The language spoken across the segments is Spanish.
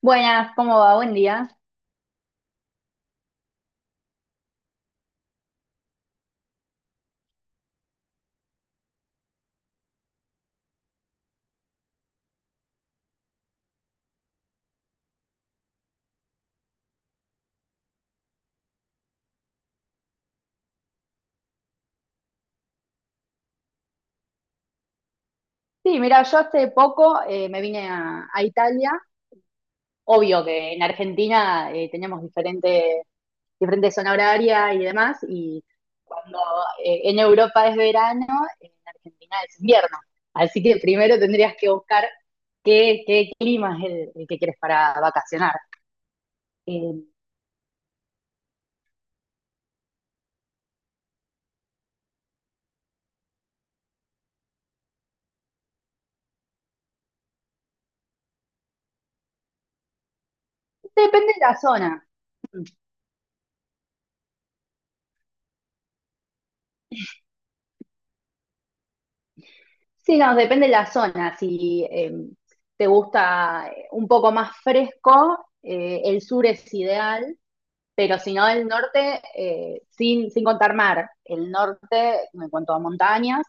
Buenas, ¿cómo va? Buen día. Sí, mira, yo hace poco me vine a Italia. Obvio que en Argentina teníamos diferente, diferente zona horaria y demás, y cuando en Europa es verano, en Argentina es invierno. Así que primero tendrías que buscar qué clima es el que quieres para vacacionar. Eh, Depende de la zona. Sí, no, depende de la zona. Si te gusta un poco más fresco, el sur es ideal, pero si no, el norte, sin contar mar, el norte, en cuanto a montañas,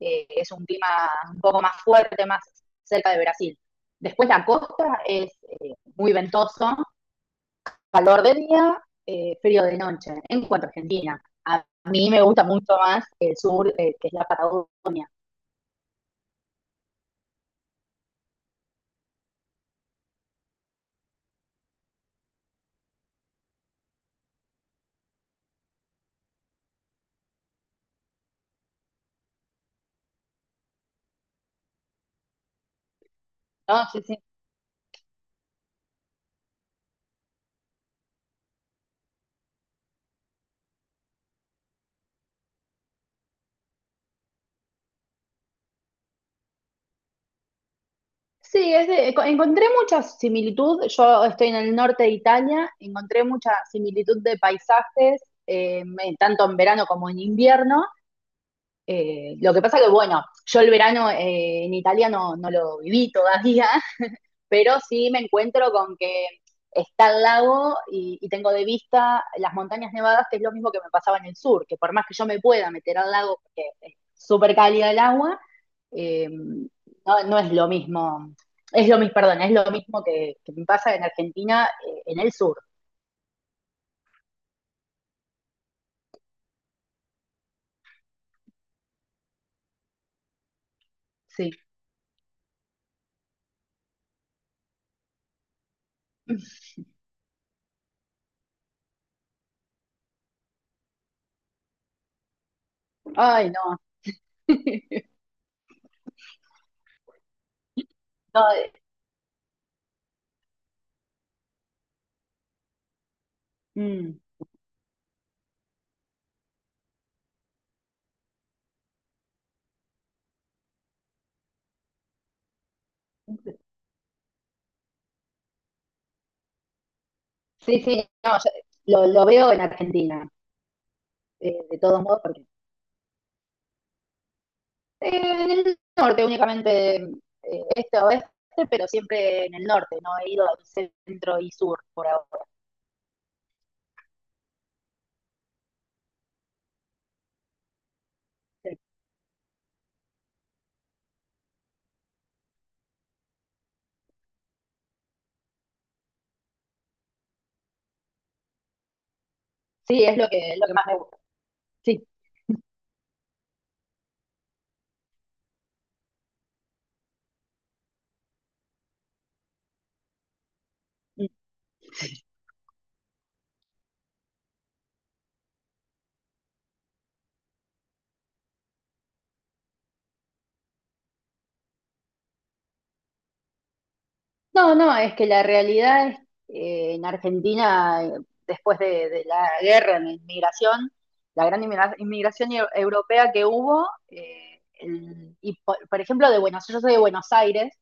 es un clima un poco más fuerte, más cerca de Brasil. Después la costa es muy ventoso, calor de día, frío de noche, en cuanto a Argentina. A mí me gusta mucho más el sur, que es la Patagonia. No, sí, sí. Sí, es encontré mucha similitud. Yo estoy en el norte de Italia, encontré mucha similitud de paisajes, tanto en verano como en invierno. Lo que pasa que, bueno, yo el verano en Italia no lo viví todavía, pero sí me encuentro con que está el lago y tengo de vista las montañas nevadas, que es lo mismo que me pasaba en el sur, que por más que yo me pueda meter al lago, porque es súper cálida el agua, no, es lo mismo, perdón, es lo mismo que me pasa en Argentina, en el sur, sí. Ay, no. No mm. Sí, sí, no, yo lo veo en Argentina, de todos modos, porque en el norte únicamente, este oeste, pero siempre en el norte, no he ido al centro y sur por ahora. Sí, es lo que más me gusta. Sí. No, no, es que la realidad es en Argentina, después de la guerra en la inmigración, la gran inmigración europea que hubo, y por ejemplo de Buenos, yo soy de Buenos Aires,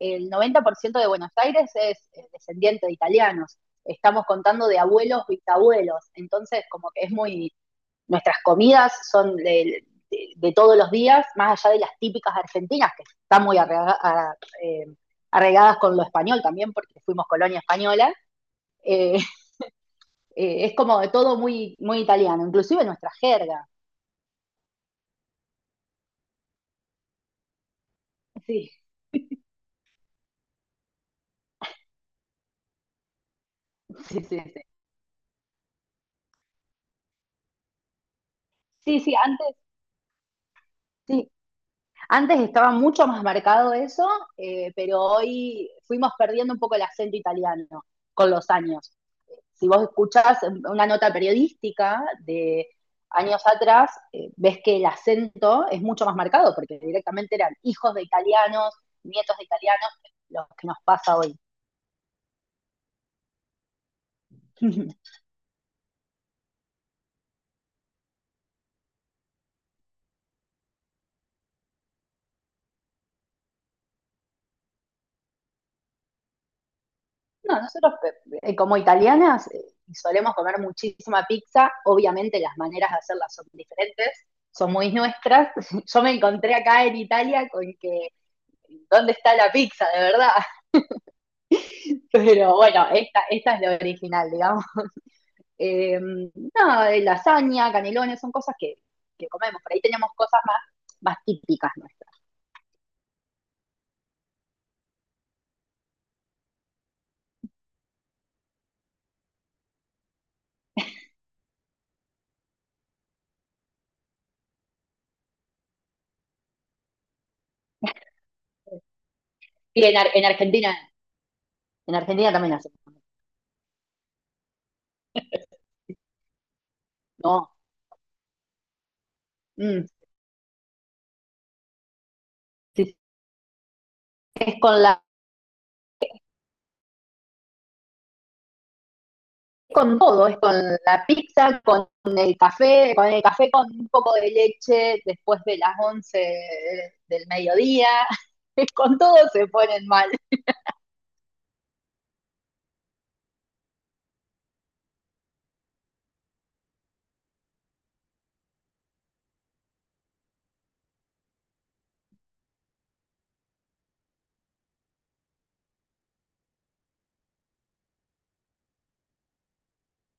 el 90% de Buenos Aires es descendiente de italianos. Estamos contando de abuelos, bisabuelos. Entonces, como que es muy. Nuestras comidas son de de todos los días, más allá de las típicas argentinas, que están muy arrega, a, eh, arregadas con lo español también, porque fuimos colonia española. Eh, es como de todo muy, muy italiano, inclusive nuestra jerga. Sí, sí, sí. Sí, sí, sí antes, sí, antes estaba mucho más marcado eso, pero hoy fuimos perdiendo un poco el acento italiano con los años. Si vos escuchás una nota periodística de años atrás, ves que el acento es mucho más marcado, porque directamente eran hijos de italianos, nietos de italianos, los que nos pasa hoy. No, nosotros como italianas solemos comer muchísima pizza, obviamente las maneras de hacerla son diferentes, son muy nuestras. Yo me encontré acá en Italia con que, ¿dónde está la pizza de verdad? Pero bueno, esta es la original, digamos. No, Lasaña, canelones, son cosas que comemos, por ahí tenemos cosas más, más típicas nuestras. Y en, Ar- en Argentina también hacemos. No, mm, si es con la, con todo, es con la pizza, con el café, con el café con un poco de leche después de las 11 del mediodía, con todo se ponen mal.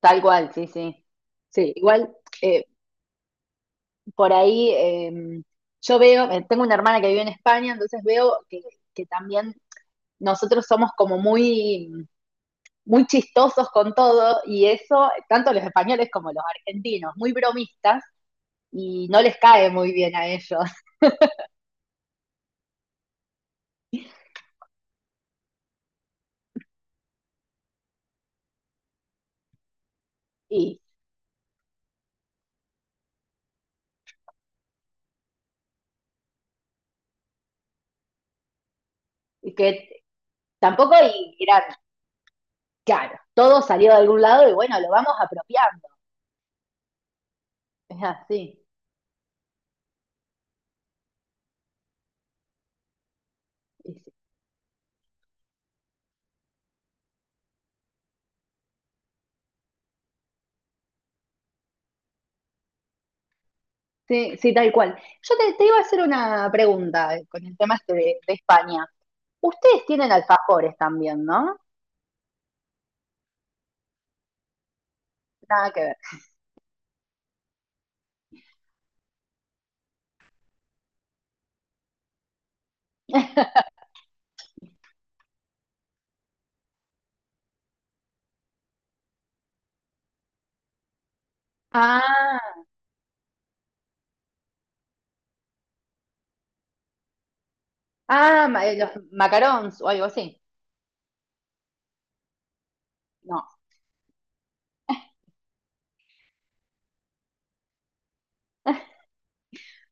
Tal cual, sí, sí. Sí, igual eh, por ahí yo veo, tengo una hermana que vive en España, entonces veo que también nosotros somos como muy, muy chistosos con todo y eso, tanto los españoles como los argentinos, muy bromistas y no les cae muy bien a ellos. Y Y que tampoco y eran, claro, todo salió de algún lado y bueno, lo vamos apropiando. Es así. Sí, sí, tal cual. Yo te iba a hacer una pregunta con el tema este de España. Ustedes tienen alfajores también, ¿no? Nada que ver. Ah, los macarons o algo así. No.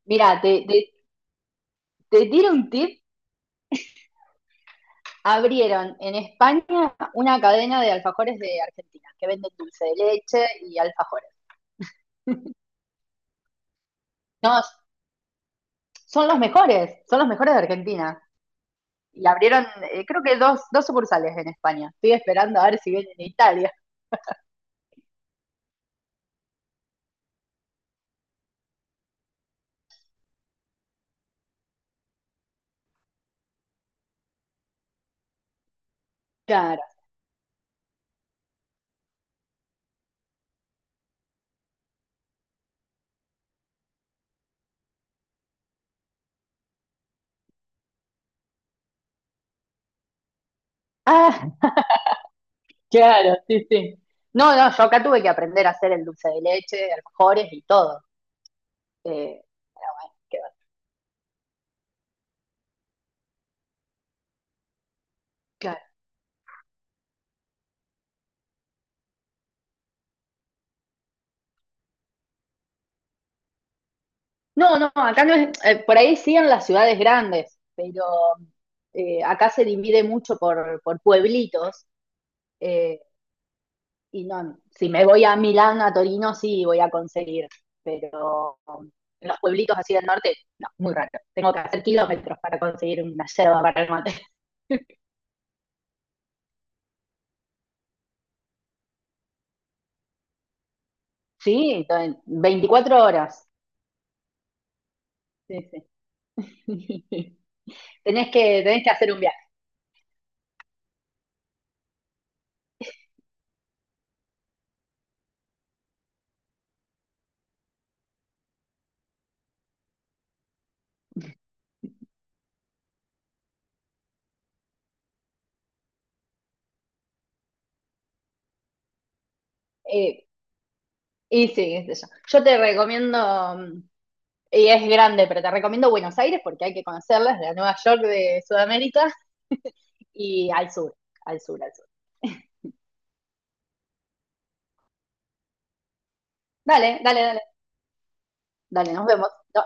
Mira, te tiro un tip. Abrieron en España una cadena de alfajores de Argentina que venden dulce de leche y alfajores. No son los mejores, son los mejores de Argentina. Y abrieron, creo que dos, dos sucursales en España. Estoy esperando a ver si vienen en Italia. Claro. Ah, claro, sí, sí. No, no, yo acá tuve que aprender a hacer el dulce de leche, alfajores y todo. Eh, pero bueno, qué va. Claro. No, no, acá no es, por ahí sí en las ciudades grandes, pero acá se divide mucho por pueblitos. eh, Y no, si me voy a Milán, a Torino, sí voy a conseguir, pero en los pueblitos así del norte, no, muy raro. Tengo que hacer kilómetros para conseguir una yerba para el mate. Sí, entonces, 24 horas. Sí, sí. Tenés que hacer un viaje. Eh, y sí, qué sé yo. Yo te recomiendo, mm, y es grande, pero te recomiendo Buenos Aires porque hay que conocerlas, la Nueva York de Sudamérica. Y al sur, al sur, al sur. Dale, dale, dale, dale, nos vemos. No,